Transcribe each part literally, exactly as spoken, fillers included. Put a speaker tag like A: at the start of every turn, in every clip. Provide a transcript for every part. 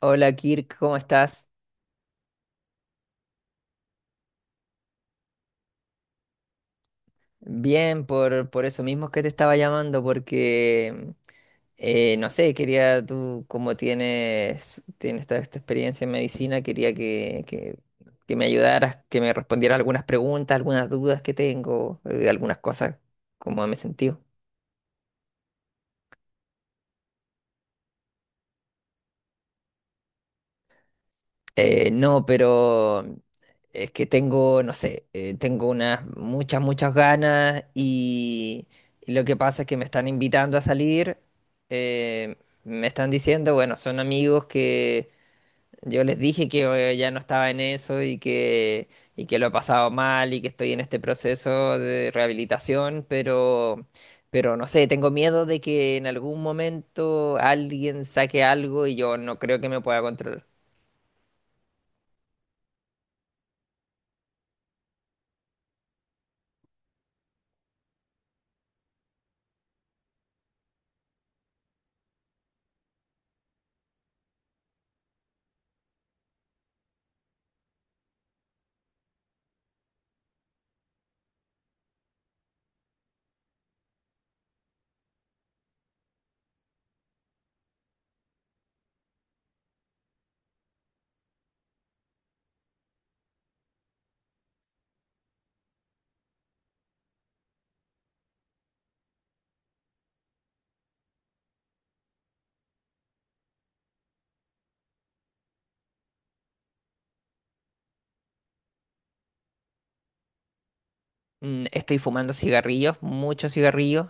A: Hola Kirk, ¿cómo estás? Bien, por, por eso mismo que te estaba llamando, porque eh, no sé, quería tú, como tienes, tienes toda esta experiencia en medicina, quería que, que, que me ayudaras, que me respondieras algunas preguntas, algunas dudas que tengo, eh, algunas cosas, cómo me sentí. Eh, no, pero es que tengo, no sé, eh, tengo unas muchas, muchas ganas y, y lo que pasa es que me están invitando a salir, eh, me están diciendo, bueno, son amigos que yo les dije que eh, ya no estaba en eso y que, y que lo he pasado mal y que estoy en este proceso de rehabilitación, pero, pero no sé, tengo miedo de que en algún momento alguien saque algo y yo no creo que me pueda controlar. Mm, estoy fumando cigarrillos, muchos cigarrillos,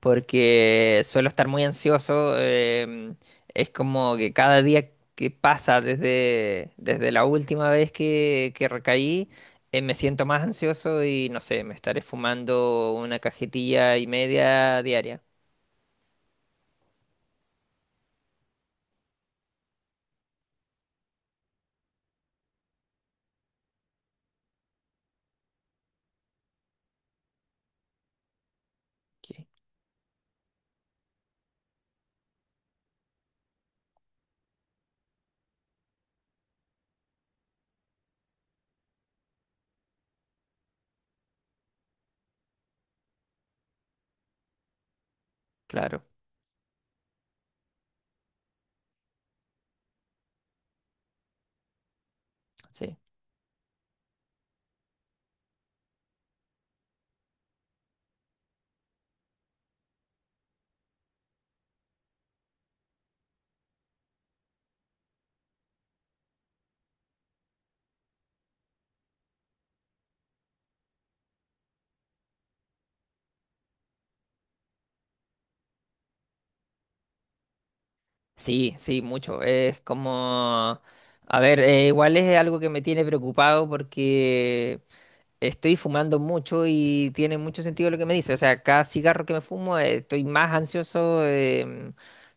A: porque suelo estar muy ansioso. Em, es como que cada día que pasa desde, desde la última vez que, que recaí, eh, me siento más ansioso y no sé, me estaré fumando una cajetilla y media diaria. Ok, claro, sí. Sí, sí, mucho. Es como... A ver, eh, igual es algo que me tiene preocupado porque estoy fumando mucho y tiene mucho sentido lo que me dice. O sea, cada cigarro que me fumo, eh, estoy más ansioso. em,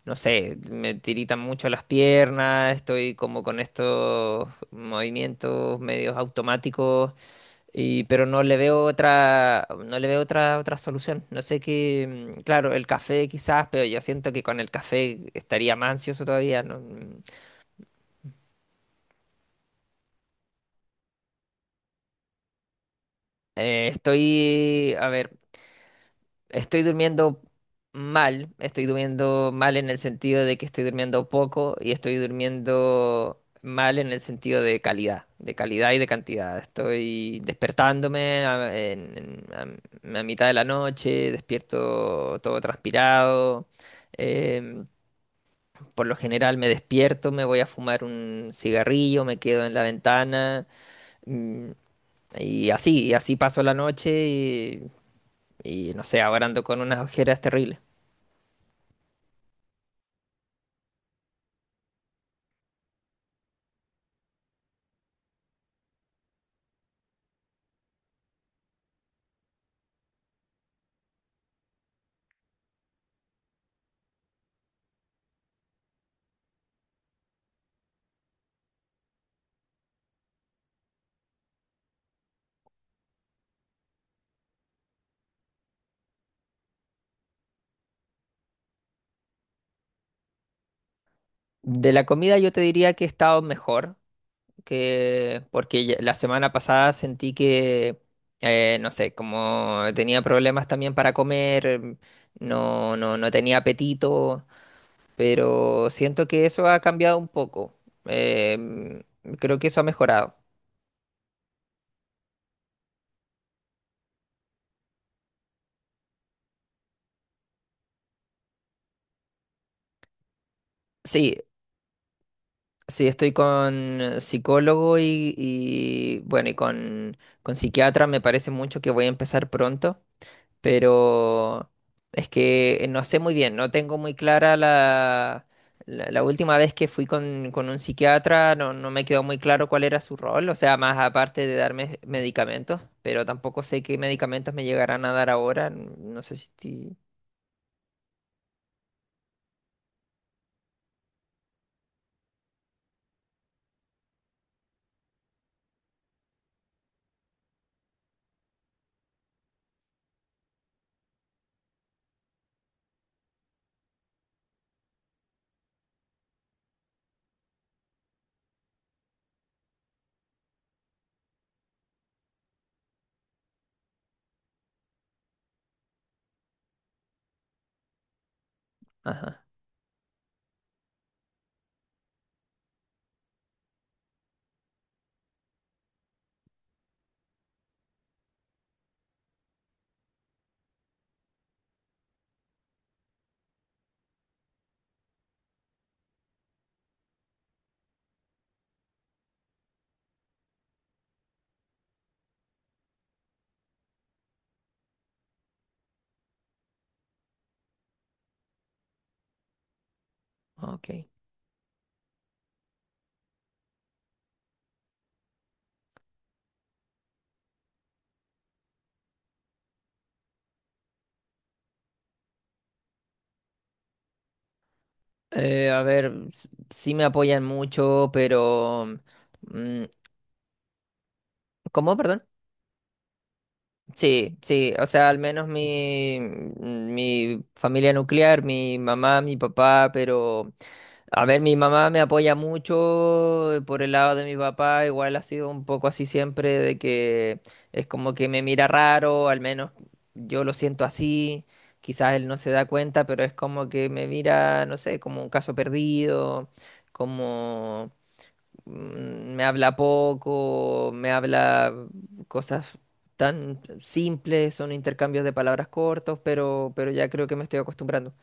A: No sé, me tiritan mucho las piernas, estoy como con estos movimientos medios automáticos, y, pero no le veo otra, no le veo otra, otra solución. No sé qué, mm, claro, el café quizás, pero yo siento que con el café estaría más ansioso todavía. No, mm. Eh, estoy, a ver, estoy durmiendo mal, estoy durmiendo mal en el sentido de que estoy durmiendo poco y estoy durmiendo mal en el sentido de calidad, de calidad y de cantidad. Estoy despertándome a, en- en- a- a mitad de la noche, despierto todo transpirado. em, por lo general me despierto, me voy a fumar un cigarrillo, me quedo en la ventana, mm, y así, y así paso la noche y, y no sé, ahora ando con unas ojeras terribles. De la comida yo te diría que he estado mejor, que porque ya- la semana pasada sentí que, eh, no sé, como tenía problemas también para comer, mm, no, no, no tenía apetito, pero siento que eso ha cambiado un poco. Eh, mm, Creo que eso ha mejorado. Sí, sí, estoy con psicólogo y, y, bueno, y con, con psiquiatra, me parece mucho que voy a empezar pronto. Pero es que no sé muy bien, no tengo muy clara la, la, la última vez que fui con, con un psiquiatra, no, no me quedó muy claro cuál era su rol, o sea, más aparte de darme medicamentos, pero tampoco sé qué medicamentos me llegarán a dar ahora, no sé si... ti- Ajá, ok. Eh, a ver, s- sí me apoyan mucho, pero... mm, ¿cómo? Perdón. Sí, sí, o sea, al menos mi, mi familia nuclear, mi mamá, mi papá, pero a ver, mi mamá me apoya mucho, eh, por el lado de mi papá, igual ha sido un poco así siempre, de que es como que me mira raro, al menos yo lo siento así, quizás él no se da cuenta, pero es como que me mira, no sé, como un caso perdido, como mm, me habla poco, me habla cosas tan simples, son intercambios de palabras cortos, pero, pero ya creo que me estoy acostumbrando.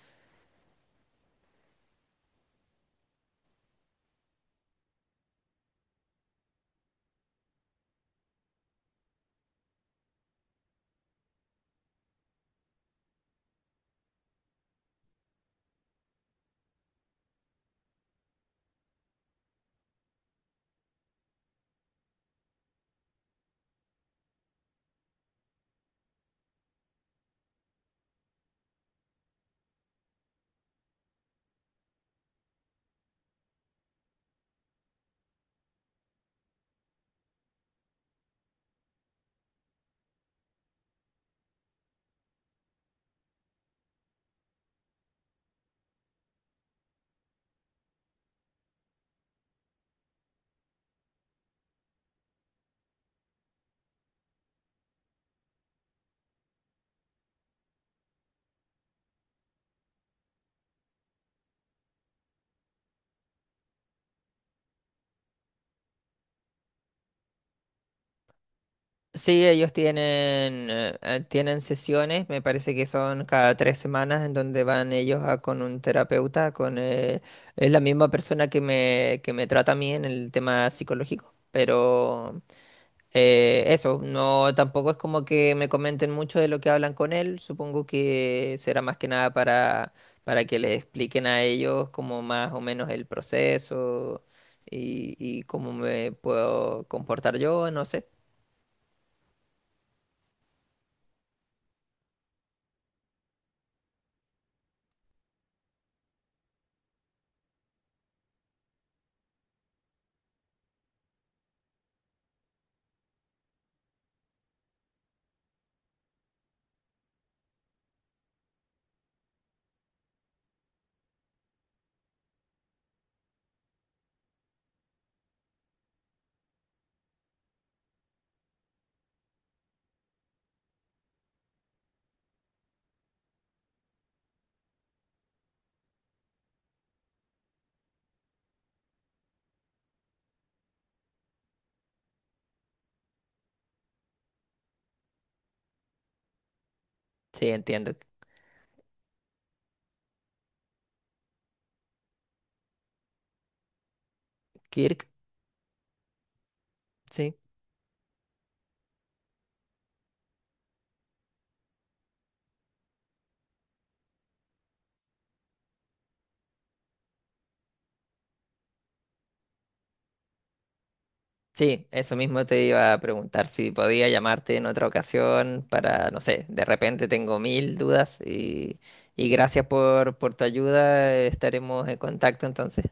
A: Sí, ellos tienen, eh, eh, tienen sesiones, me parece que son cada tres semanas en donde van ellos a, con un terapeuta, con eh, es la misma persona que me, que me trata a mí en el tema psicológico, pero eh, eso, no, tampoco es como que me comenten mucho de lo que hablan con él, supongo que será más que nada para, para que les expliquen a ellos como más o menos el proceso y, y cómo me puedo comportar yo, no sé. Sí, entiendo. Kirk, sí. Sí, eso mismo te iba a preguntar si podía llamarte en otra ocasión para, no sé, de repente tengo mil dudas y, y gracias por, por tu ayuda, estaremos en contacto entonces.